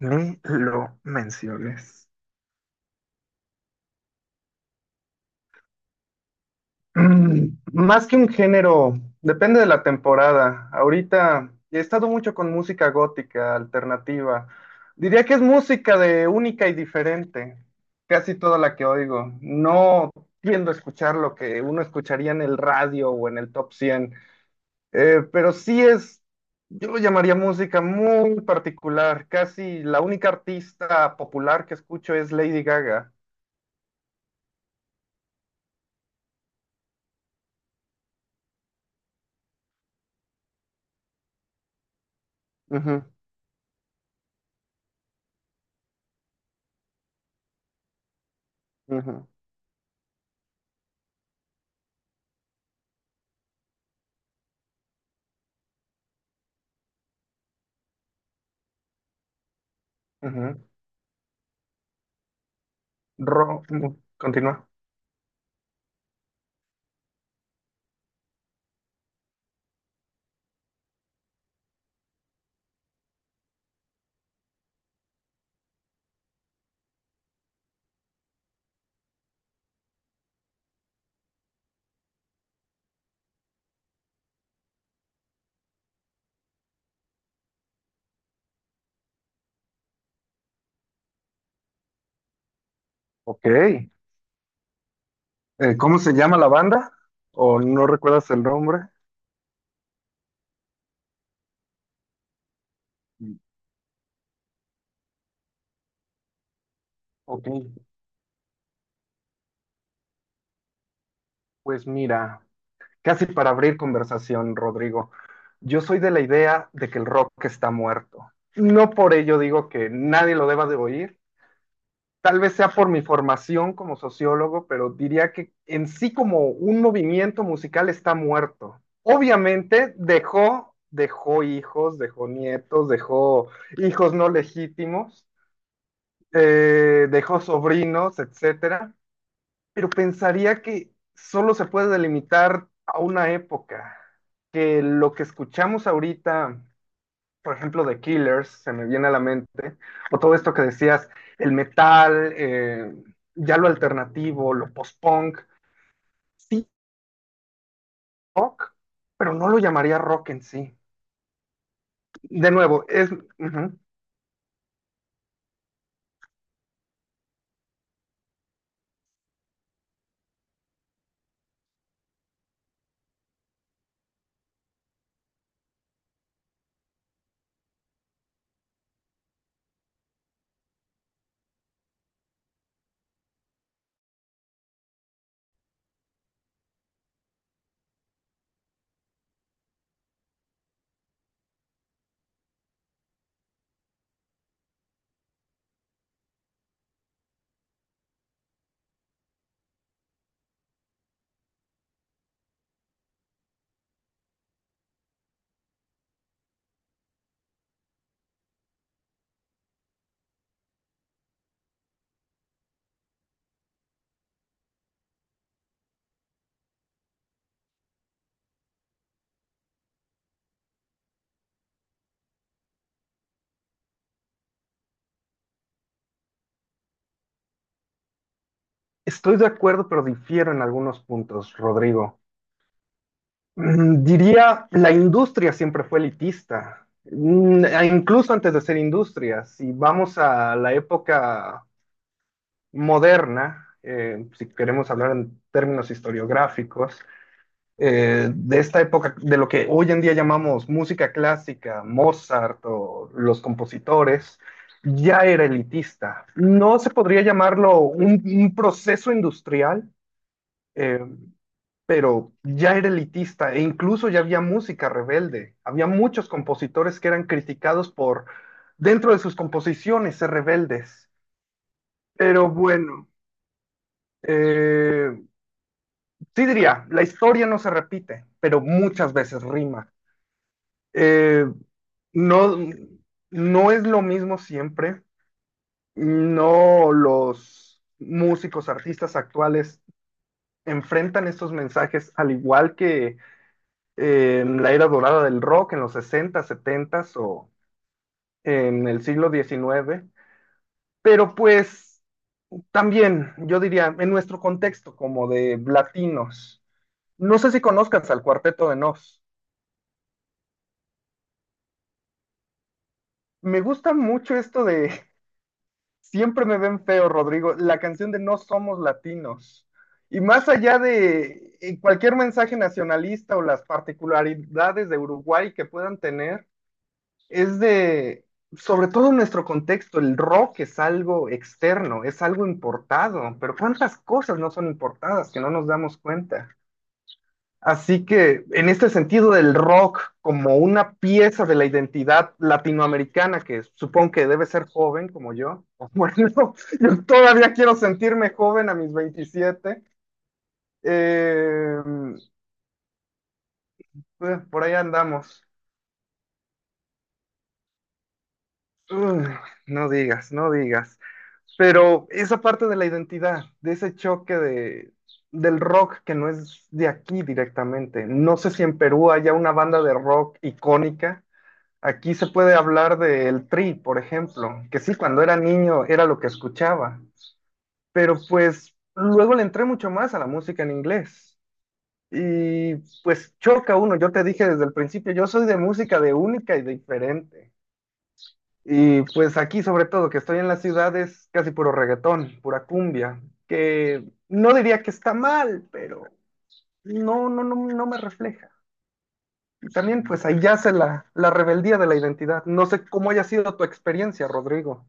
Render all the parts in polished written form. Ni lo menciones. Más que un género, depende de la temporada. Ahorita he estado mucho con música gótica, alternativa. Diría que es música de única y diferente, casi toda la que oigo. No tiendo a escuchar lo que uno escucharía en el radio o en el top 100, pero yo lo llamaría música muy particular. Casi la única artista popular que escucho es Lady Gaga. Ujú, ujú. Ujú. No, continúa. Ok. ¿Cómo se llama la banda? ¿O no recuerdas el nombre? Mm. Ok, pues mira, casi para abrir conversación, Rodrigo, yo soy de la idea de que el rock está muerto. No por ello digo que nadie lo deba de oír, tal vez sea por mi formación como sociólogo, pero diría que en sí como un movimiento musical está muerto. Obviamente dejó hijos, dejó nietos, dejó hijos no legítimos, dejó sobrinos, etcétera, pero pensaría que solo se puede delimitar a una época, que lo que escuchamos ahorita por ejemplo, de Killers, se me viene a la mente, o todo esto que decías, el metal, ya lo alternativo, lo post-punk, sí, rock, pero no lo llamaría rock en sí. De nuevo, ujú, estoy de acuerdo, pero difiero en algunos puntos, Rodrigo. Diría, la industria siempre fue elitista. E incluso antes de ser industria, si vamos a la época moderna, si queremos hablar en términos historiográficos, de esta época, de lo que hoy en día llamamos música clásica, Mozart o los compositores, ya era elitista. No se podría llamarlo un proceso industrial, eh, pero ya era elitista e incluso ya había música rebelde. Había muchos compositores que eran criticados por, dentro de sus composiciones, ser rebeldes. Pero bueno, eh, sí diría, la historia no se repite, pero muchas veces rima. Eh, No, no es lo mismo siempre. No, los músicos, artistas actuales enfrentan estos mensajes al igual que en la era dorada del rock en los 60, 70 o en el siglo XIX. Pero pues también, yo diría, en nuestro contexto como de latinos. No sé si conozcas al Cuarteto de Nos. Me gusta mucho esto de Siempre me ven feo, Rodrigo, la canción de No somos latinos. Y más allá de cualquier mensaje nacionalista o las particularidades de Uruguay que puedan tener, es de, sobre todo en nuestro contexto, el rock es algo externo, es algo importado, pero ¿cuántas cosas no son importadas que no nos damos cuenta? Así que en este sentido del rock como una pieza de la identidad latinoamericana, que supongo que debe ser joven como yo, bueno, yo todavía quiero sentirme joven a mis 27, eh, por ahí andamos. Uf, no digas, no digas. Pero esa parte de la identidad, de ese del rock que no es de aquí directamente. No sé si en Perú haya una banda de rock icónica. Aquí se puede hablar del Tri, por ejemplo, que sí, cuando era niño era lo que escuchaba, pero pues luego le entré mucho más a la música en inglés. Y pues choca uno, yo te dije desde el principio, yo soy de música de única y diferente. Y pues aquí sobre todo, que estoy en la ciudad, es casi puro reggaetón, pura cumbia, que no diría que está mal, pero no, no, no, no me refleja. Y también pues ahí yace la rebeldía de la identidad. No sé cómo haya sido tu experiencia, Rodrigo.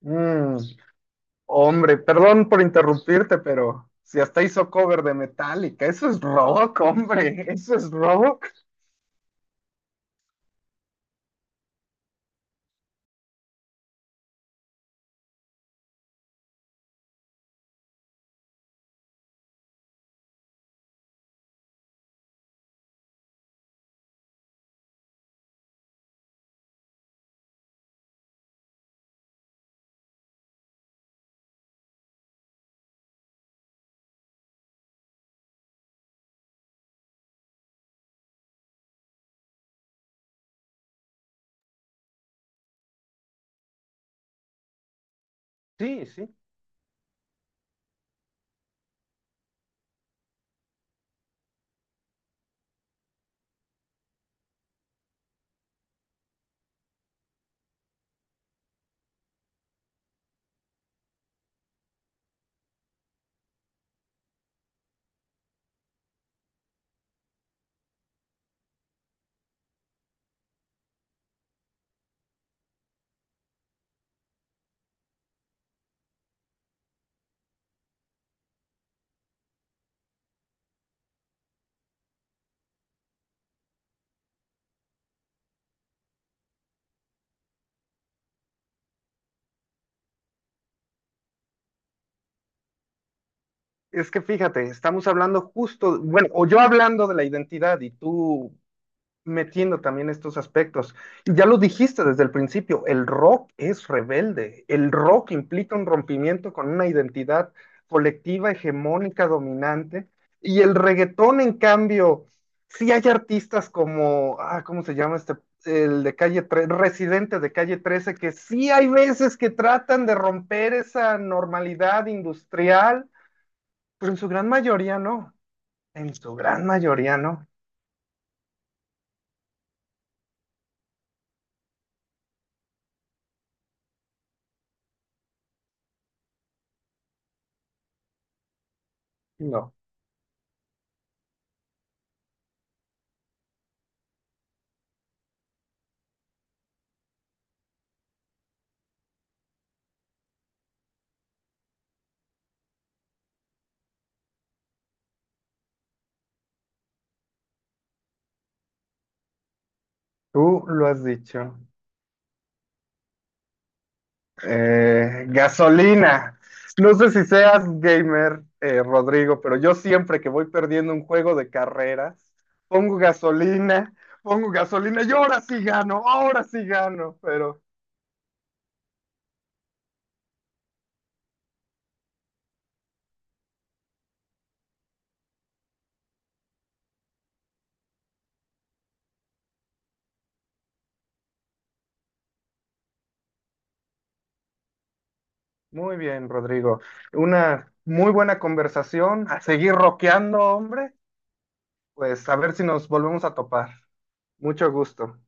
Mm, hombre, perdón por interrumpirte, pero si hasta hizo cover de Metallica, eso es rock, hombre, eso es rock. Sí, sí. Es que fíjate, estamos hablando justo, bueno, o yo hablando de la identidad y tú metiendo también estos aspectos. Y ya lo dijiste desde el principio, el rock es rebelde, el rock implica un rompimiento con una identidad colectiva, hegemónica, dominante, y el reggaetón, en cambio, sí hay artistas como, ah, ¿cómo se llama este? El de calle 13, residente de calle 13, que sí hay veces que tratan de romper esa normalidad industrial, pero en su gran mayoría no, en su gran mayoría no, no, tú lo has dicho. Gasolina. No sé si seas gamer, Rodrigo, pero yo siempre que voy perdiendo un juego de carreras, pongo gasolina, pongo gasolina y ahora sí gano, ahora sí gano. Pero muy bien, Rodrigo. Una muy buena conversación. A seguir roqueando, hombre. Pues a ver si nos volvemos a topar. Mucho gusto.